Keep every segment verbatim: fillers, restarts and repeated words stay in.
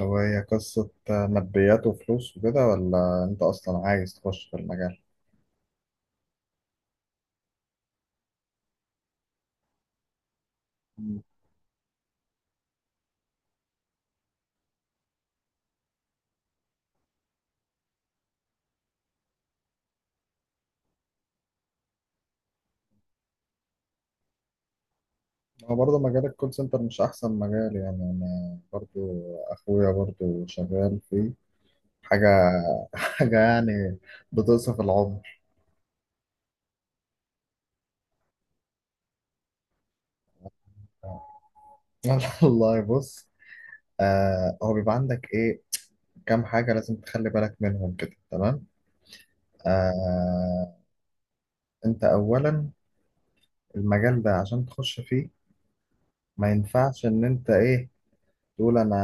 هو هي قصة ماديات وفلوس وكده ولا أنت أصلا عايز تخش في المجال؟ مم. هو برضه مجال الكول سنتر مش أحسن مجال، يعني أنا برضه أخويا برضه شغال فيه حاجة حاجة يعني، بتوصف العمر. والله بص، آه، هو بيبقى عندك إيه كام حاجة لازم تخلي بالك منهم كده، تمام؟ آه، أنت أولا المجال ده عشان تخش فيه ما ينفعش إن أنت إيه تقول انا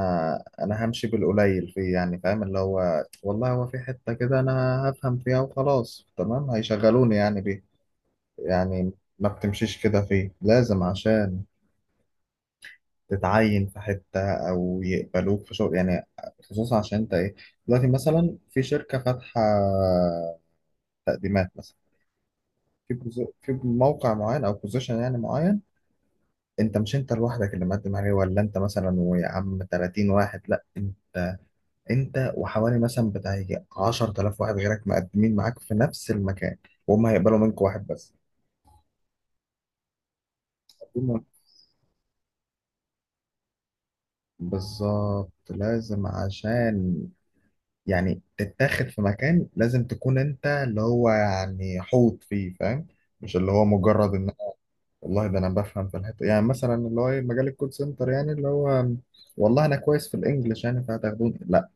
انا همشي بالقليل فيه، يعني فاهم اللي هو والله هو في حتة كده انا هفهم فيها وخلاص تمام هيشغلوني يعني بيه. يعني ما بتمشيش كده فيه، لازم عشان تتعين في حتة او يقبلوك في شغل يعني، خصوصا عشان انت ايه دلوقتي مثلا في شركة فاتحة تقديمات مثلا في بوزي- في موقع معين او بوزيشن يعني معين. انت مش انت لوحدك اللي مقدم عليه، ولا انت مثلا ويا عم ثلاثين واحد، لا، انت وحوالي مثلا بتاع يجي عشرة آلاف واحد غيرك مقدمين معاك في نفس المكان، وهم هيقبلوا منك واحد بس. المهم، بالظبط لازم عشان يعني تتاخد في مكان لازم تكون انت اللي هو يعني حوط فيه، فاهم؟ مش اللي هو مجرد ان أنا- والله ده انا بفهم في الحته، يعني مثلا اللي هو ايه مجال الكول سنتر، يعني اللي هو والله انا كويس في الانجليش يعني فهتاخدوني. لا،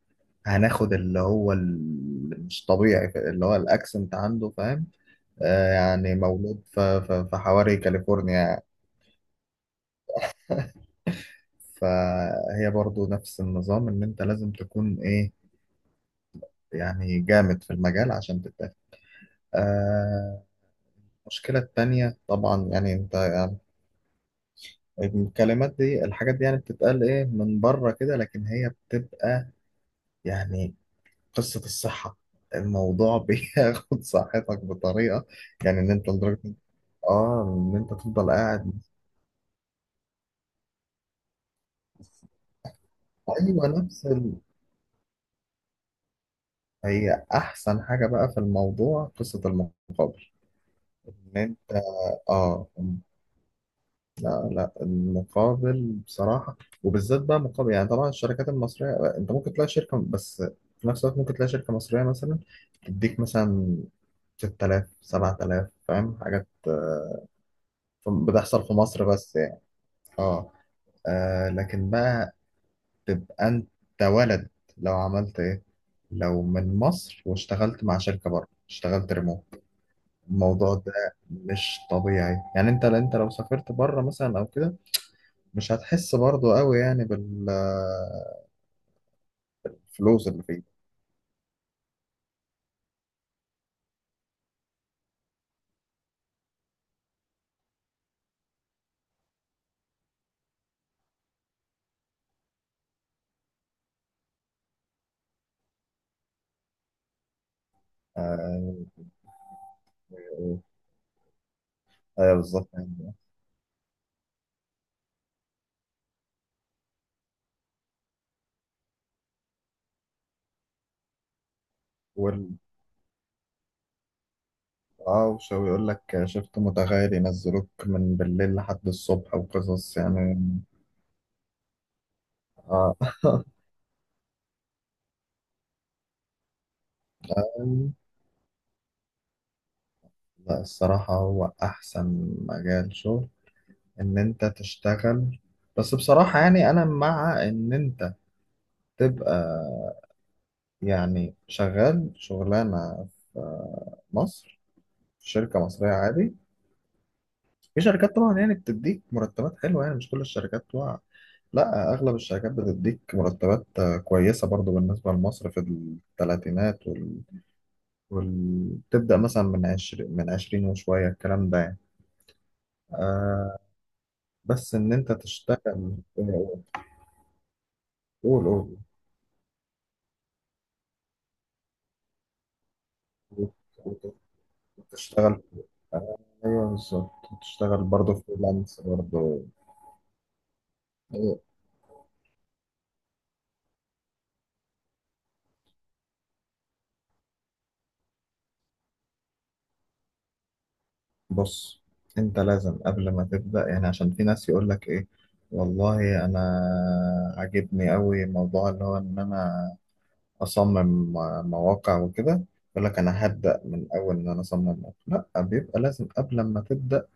هناخد اللي هو اللي مش طبيعي اللي هو الاكسنت عنده، فاهم؟ آه، يعني مولود ف- ف- في حواري كاليفورنيا يعني. فهي برضو نفس النظام ان انت لازم تكون ايه، يعني جامد في المجال عشان تتاخد. آه، المشكلة التانية طبعا يعني انت يعني الكلمات دي الحاجات دي يعني بتتقال ايه من بره كده، لكن هي بتبقى يعني قصة الصحة. الموضوع بياخد صحتك بطريقة يعني، ان انت لدرجة، اه، ان انت تفضل قاعد. ايوه نفس، هي احسن حاجه بقى في الموضوع قصه المقابل، ان انت، اه، لا المقابل بصراحه، وبالذات بقى مقابل، يعني طبعا الشركات المصريه انت ممكن تلاقي شركه، بس في نفس الوقت ممكن تلاقي شركه مصريه مثلا تديك مثلا ستة آلاف سبعة آلاف فاهم، حاجات آه، بتحصل في مصر بس يعني. اه، آه، لكن بقى تبقى انت ولد، لو عملت ايه، لو من مصر واشتغلت مع شركة بره، اشتغلت ريموت. الموضوع ده مش طبيعي يعني، انت انت لو سافرت بره مثلا او كده مش هتحس برضه قوي يعني بالفلوس اللي فيه. آه، ايوه بالظبط يعني. وال... اه وشو يقول لك شفت متغير ينزلوك من بالليل لحد الصبح وقصص يعني. اه لا الصراحة هو أحسن مجال شغل إن أنت تشتغل، بس بصراحة يعني أنا مع إن أنت تبقى يعني شغال شغلانة في مصر في شركة مصرية عادي. في شركات طبعا يعني بتديك مرتبات حلوة، يعني مش كل الشركات بتوع، لا أغلب الشركات بتديك مرتبات آه، كويسة برضو بالنسبة لمصر، في الثلاثينات وال... وال... تبدأ مثلا من عشر... من عشرين وشوية الكلام ده يعني. آه، بس إن أنت تشتغل، آه، قول قول. قول. وتشتغل، آه، أيوه بالظبط، تشتغل برضه فريلانس برضه. بص انت لازم قبل ما تبدأ، يعني عشان في ناس يقول لك ايه، والله انا عاجبني قوي موضوع اللي هو ان انا اصمم مواقع وكده، يقول لك انا هبدأ من اول ان انا اصمم مواقع. لا، بيبقى لازم قبل ما تبدأ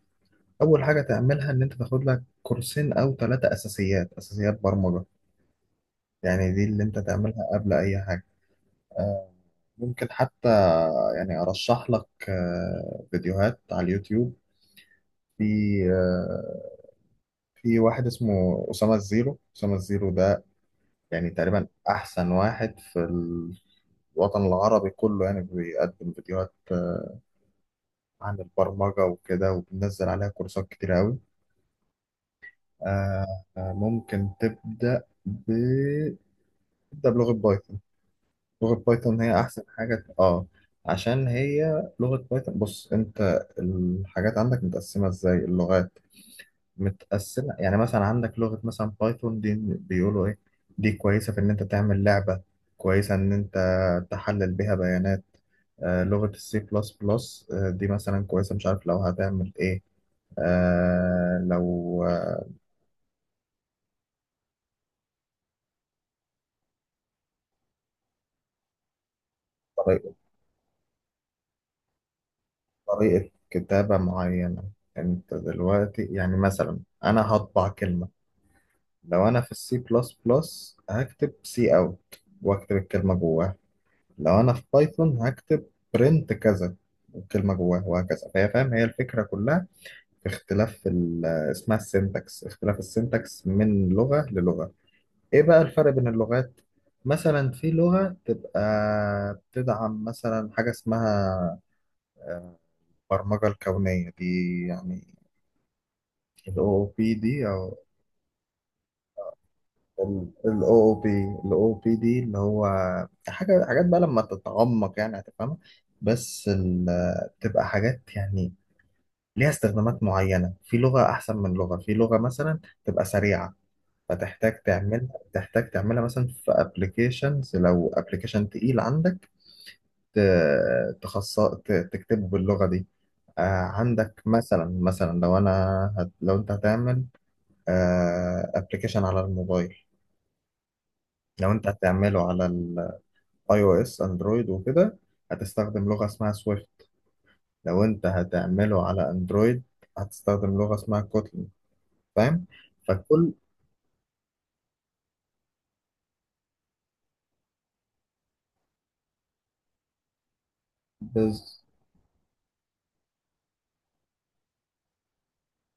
اول حاجة تعملها ان انت تاخد لك كورسين او ثلاثة اساسيات اساسيات برمجة، يعني دي اللي انت تعملها قبل اي حاجة. آه، ممكن حتى يعني ارشح لك آه، فيديوهات على اليوتيوب، في آه، في واحد اسمه أسامة الزيرو. أسامة الزيرو ده يعني تقريبا أحسن واحد في الوطن العربي كله، يعني بيقدم فيديوهات عن البرمجة وكده، وبنزل عليها كورسات كتير أوي. آه، آه، ممكن تبدأ ب تبدأ بلغة بايثون. لغة بايثون هي أحسن حاجة، آه، عشان هي لغة بايثون. بص، أنت الحاجات عندك متقسمة إزاي، اللغات متقسمة يعني مثلا، عندك لغة مثلا بايثون، دي بيقولوا إيه، دي كويسة في إن أنت تعمل لعبة، كويسة إن أنت تحلل بيها بيانات. آه، لغة السي بلس بلس دي مثلا كويسة، مش عارف لو هتعمل إيه. آه، لو آه، طريقة طريقة كتابة معينة. أنت دلوقتي يعني مثلا أنا هطبع كلمة، لو أنا في السي بلس بلس هكتب سي أوت وأكتب الكلمة جواها، لو انا في بايثون هكتب print كذا والكلمه جواه، وهكذا. فهي، فاهم، هي الفكره كلها في اختلاف ال- آه، اسمها السنتكس، اختلاف السنتكس من لغه للغه. ايه بقى الفرق بين اللغات؟ مثلا في لغه تبقى بتدعم مثلا حاجه اسمها البرمجه الكونيه دي يعني، ال أو أو بي دي او ال ال أو أو بي، ال أو أو بي دي اللي هو حاجه حاجات بقى لما تتعمق يعني هتفهمها، بس ال- بتبقى حاجات يعني ليها استخدامات معينة، في لغة أحسن من لغة. في لغة مثلا تبقى سريعة، فتحتاج تعملها، تحتاج تعملها مثلا في ابلكيشنز، لو ابلكيشن تقيل عندك ت- تخصص ت- تكتبه باللغة دي. آه، عندك مثلا، مثلا لو انا هت... لو انت هتعمل ابلكيشن على الموبايل، لو انت هتعمله على الاي او اس اندرويد وكده هتستخدم لغة اسمها سويفت، لو انت هتعمله على اندرويد هتستخدم لغة اسمها كوتلين، فاهم. فكل، بز...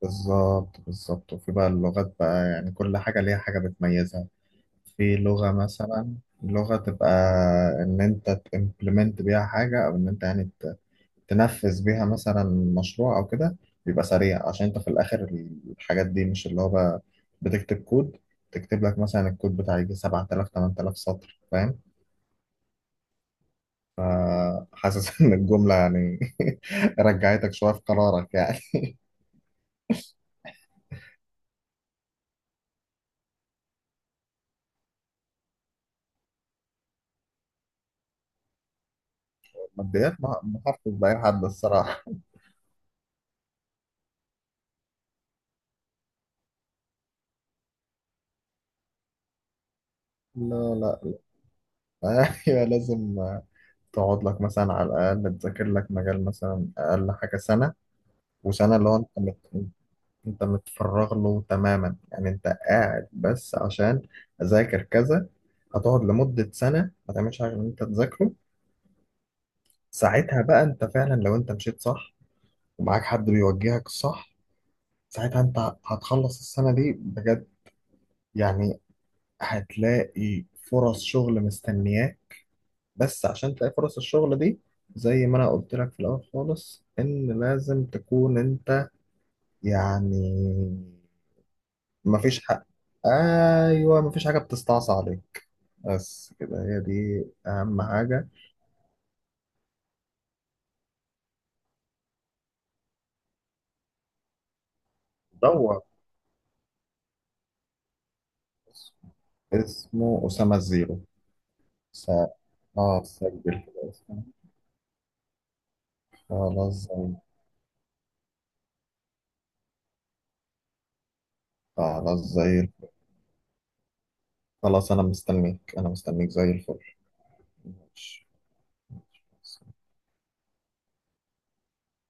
بالظبط بالظبط. وفي بقى اللغات بقى، يعني كل حاجة ليها حاجة بتميزها. في لغة مثلا، لغة تبقى إن أنت تمبلمنت بيها حاجة أو إن أنت يعني ت- تنفذ بيها مثلا مشروع أو كده، بيبقى سريع عشان أنت في الآخر الحاجات دي مش اللي هو بقى بتكتب كود، تكتب لك مثلا الكود بتاع يجي سبعة آلاف ثمانية آلاف سطر، فاهم. حاسس إن الجملة يعني رجعتك شوية في قرارك يعني. ماديات، ما ما حدش بقى حد الصراحة. لا لا. ايوه، لازم تقعد لك مثلا على الاقل تذاكر لك مجال مثلا اقل حاجه سنه، وسنه اللي هو انت مت... انت متفرغ له تماما، يعني انت قاعد بس عشان اذاكر كذا، هتقعد لمده سنه ما تعملش حاجه غير ان انت تذاكره. ساعتها بقى انت فعلا لو انت مشيت صح ومعاك حد بيوجهك صح، ساعتها انت هتخلص السنه دي بجد، يعني هتلاقي فرص شغل مستنياك. بس عشان تلاقي فرص الشغل دي زي ما انا قلت لك في الاول خالص، ان لازم تكون انت يعني مفيش حق، ايوه مفيش حاجه بتستعصى عليك، بس كده هي دي اهم حاجه. دور، اسمه اسامه الزيرو. س... اه سجل كده اسمه. خلاص زي خلاص زي، خلاص انا مستنيك، انا مستنيك زي الفل. ماشي.